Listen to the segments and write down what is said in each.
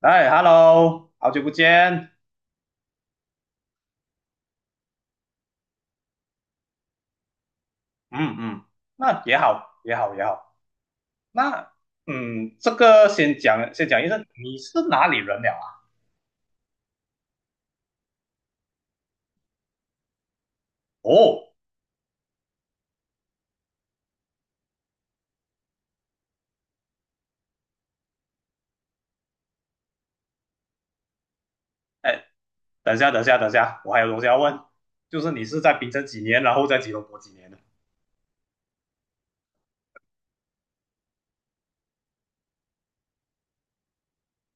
哎，Hello，好久不见。嗯嗯，那也好，也好，也好。那这个先讲一声，你是哪里人了啊？哦，哎，等一下，等一下，等一下，我还有东西要问，就是你是在槟城几年，然后在吉隆坡几年的？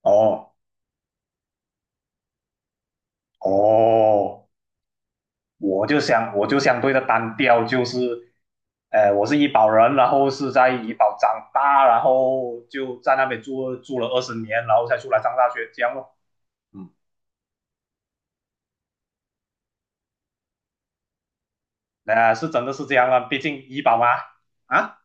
哦哦，我就相对的单调，就是我是怡保人，然后是在怡保长大，然后就在那边住了20年，然后才出来上大学，这样咯。嗯。是真的是这样啊，毕竟医保嘛。啊，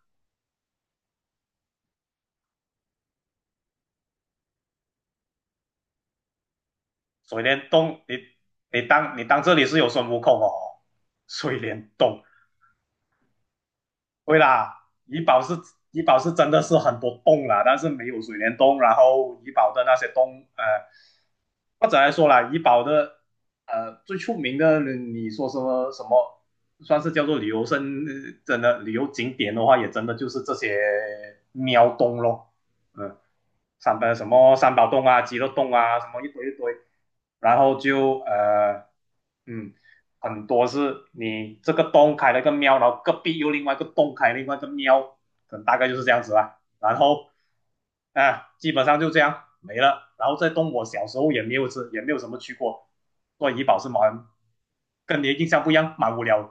水帘洞，你当这里是有孙悟空哦？水帘洞。对啦，医保是真的是很多洞啦，但是没有水帘洞。然后医保的那些洞，或者来说啦，医保的最出名的，你说什么什么？算是叫做旅游生，呃真的旅游景点的话，也真的就是这些喵洞咯。嗯，什么三宝洞啊、鸡肉洞啊，什么一堆一堆，然后就嗯，很多是你这个洞开了一个庙，然后隔壁又另外一个洞开另外一个庙，可能大概就是这样子啦。然后啊，基本上就这样没了。然后这洞我小时候也没有吃，也没有什么去过，做怡保是蛮跟你的印象不一样，蛮无聊的。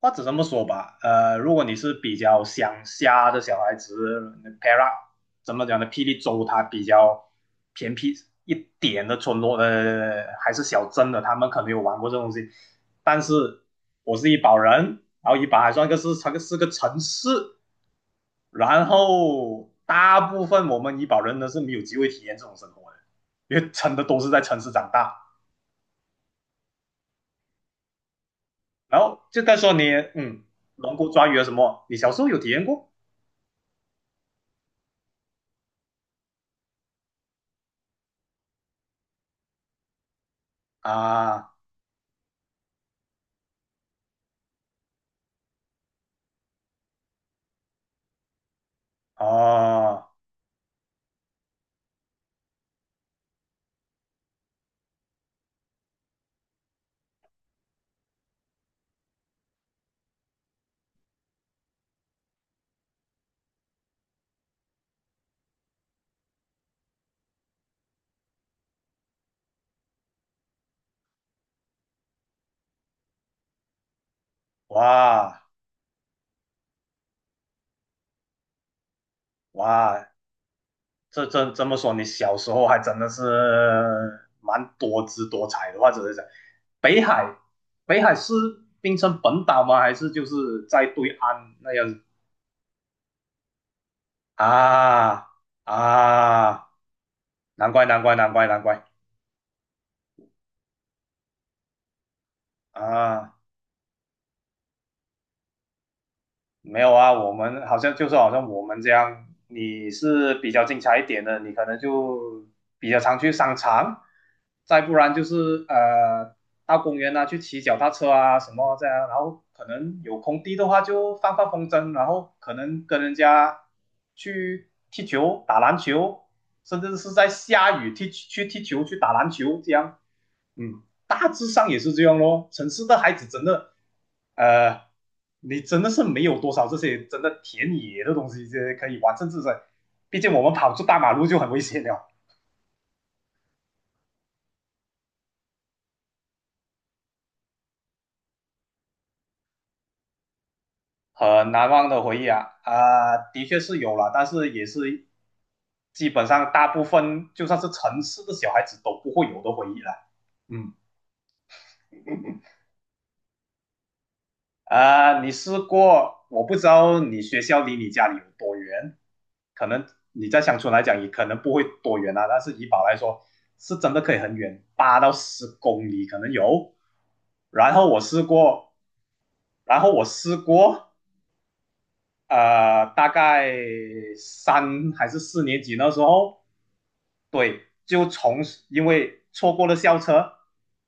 或者这么说吧，如果你是比较乡下的小孩子，Para 怎么讲呢？霹雳州它比较偏僻一点的村落，还是小镇的，他们可能有玩过这东西。但是我是怡保人，然后怡保还算个是它个是个城市，然后大部分我们怡保人呢是没有机会体验这种生活的，因为真的都是在城市长大。然后就再说你，嗯，龙骨抓鱼啊什么，你小时候有体验过啊？哦，哇哇，这这这么说，你小时候还真的是蛮多姿多彩的。或者是讲北海，北海是冰城本岛吗？还是就是在对岸那样子？啊啊，难怪难怪难怪难怪。啊！没有啊，我们好像就是好像我们这样，你是比较精彩一点的，你可能就比较常去商场，再不然就是到公园啊去骑脚踏车啊什么这样，然后可能有空地的话就放放风筝，然后可能跟人家去踢球、打篮球，甚至是在下雨踢去踢球、去打篮球这样。嗯，大致上也是这样咯。城市的孩子真的，呃，你真的是没有多少这些真的田野的东西，这些可以玩，甚至在，毕竟我们跑出大马路就很危险了。很难忘的回忆啊，的确是有了，但是也是基本上大部分就算是城市的小孩子都不会有的回忆了。嗯。你试过？我不知道你学校离你家里有多远，可能你在乡村来讲也可能不会多远啊，但是怡保来说是真的可以很远，八到十公里可能有。然后我试过，然后我试过，大概3还是4年级那时候，对，因为错过了校车，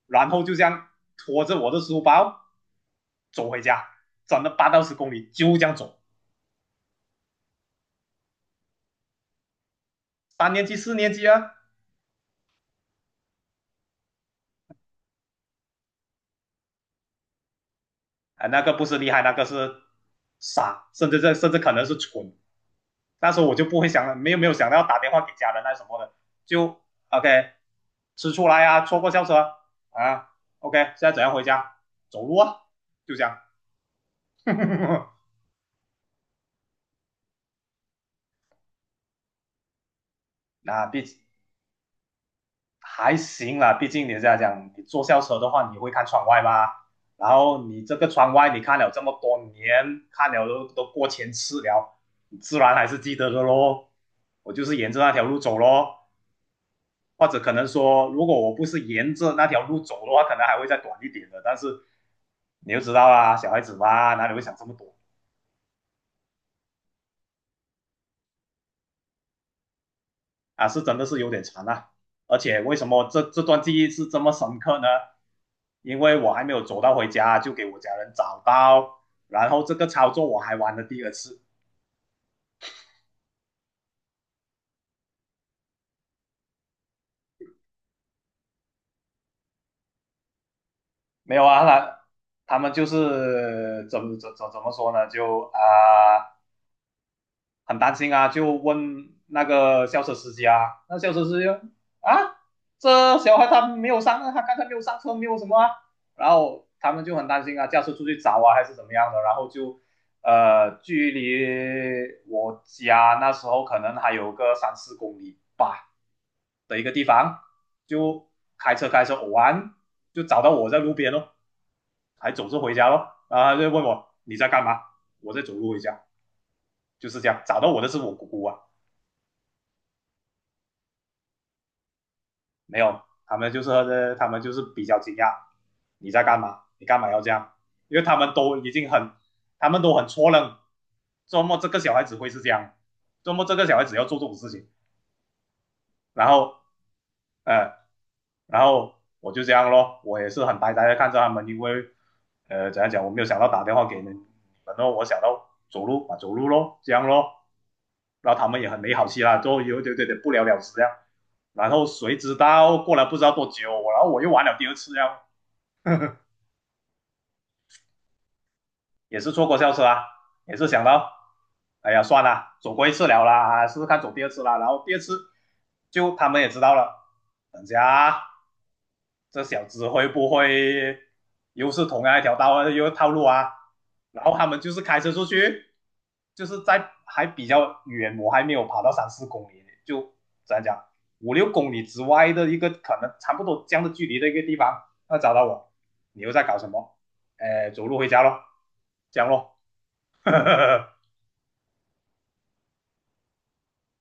然后就这样拖着我的书包走回家，转了八到十公里，就这样走。3年级、4年级啊，那个不是厉害，那个是傻，甚至这甚至可能是蠢。那时候我就不会想了，没有想到要打电话给家人那什么的，就 OK 吃出来啊，错过校车啊，OK 现在怎样回家？走路啊，就这样。那毕竟还行啦，毕竟你这样讲，你坐校车的话，你会看窗外吧？然后你这个窗外，你看了这么多年，看了都过千次了，你自然还是记得的咯，我就是沿着那条路走咯。或者可能说，如果我不是沿着那条路走的话，可能还会再短一点的。但是你就知道啊，小孩子嘛，哪里会想这么多啊？是真的是有点长啊。而且为什么这段记忆是这么深刻呢？因为我还没有走到回家，就给我家人找到，然后这个操作我还玩了第二次。没有啊，他们就是怎么说呢？就很担心啊，就问那个校车司机啊，那校车司机啊，这小孩他没有上，他刚才没有上车，没有什么啊，然后他们就很担心啊，驾车出去找啊还是怎么样的，然后就距离我家那时候可能还有个三四公里吧的一个地方，就开车偶然就找到我在路边咯，还走着回家咯，然后他就问我你在干嘛，我在走路回家，就是这样，找到我的是我姑姑啊。没有，他们就是比较惊讶，你在干嘛？你干嘛要这样？因为他们都已经很，他们都很错愣，周末这个小孩子会是这样，周末这个小孩子要做这种事情。然后，呃，然后我就这样咯，我也是很呆呆的看着他们，因为，怎样讲，我没有想到打电话给你们，然后我想到走路啊走路咯，这样咯。然后他们也很没好气啦，就有点不了了之这样。然后谁知道过了不知道多久，然后我又玩了第二次呀，也是错过校车啊，也是想到，哎呀算了，走过一次了啦，试试看走第二次啦。然后第二次就他们也知道了，等下这小子会不会又是同样一条道啊，又套路啊？然后他们就是开车出去，就是在还比较远，我还没有跑到三四公里，就怎样讲5、6公里之外的一个可能差不多这样的距离的一个地方，他找到我，你又在搞什么？哎，走路回家咯，这样咯。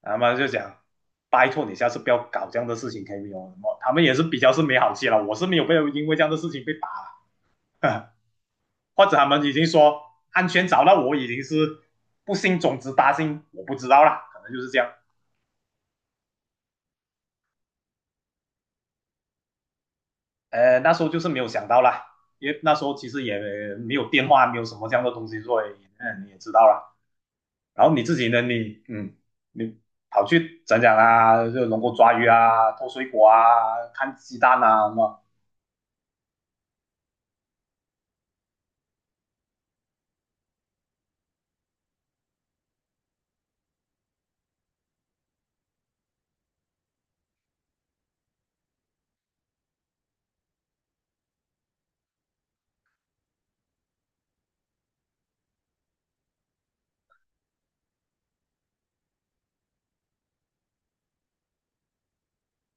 他们就讲，拜托你下次不要搞这样的事情，可以用什么？他们也是比较是没好气了，我是没有被因为这样的事情被打。或者他们已经说安全找到我已经是不幸种子大幸，我不知道啦，可能就是这样。那时候就是没有想到啦，因为那时候其实也没有电话，没有什么这样的东西，所以你也知道啦。然后你自己呢，你跑去讲讲啊，就能够抓鱼啊，偷水果啊，看鸡蛋啊什么。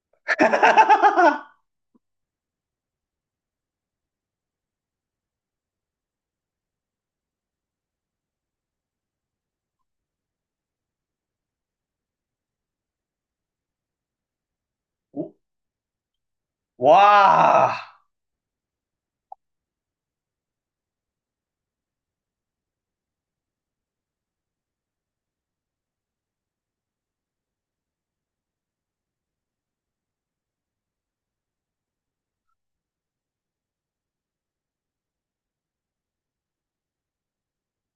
哈哈哈 哇！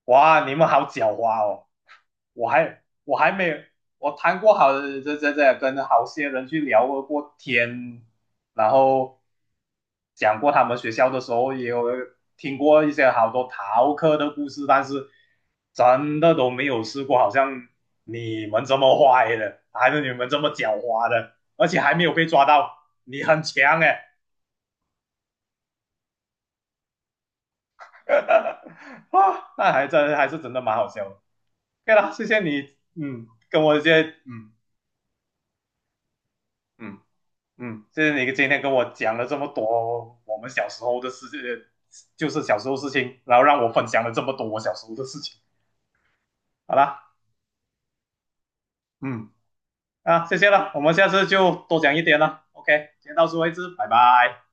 哇，你们好狡猾哦！我还没有，我谈过好这这这跟好些人去聊过天，然后讲过他们学校的时候，也有听过一些好多逃课的故事，但是真的都没有试过，好像你们这么坏的，还是你们这么狡猾的，而且还没有被抓到，你很强哎！啊，那还真还是真的蛮好笑的。对以了，谢谢你，嗯，跟我这些，嗯谢谢你今天跟我讲了这么多我们小时候的事情，就是小时候事情，然后让我分享了这么多我小时候的事情。好啦，嗯啊，谢谢了，我们下次就多讲一点了。OK，今天到此为止，拜拜。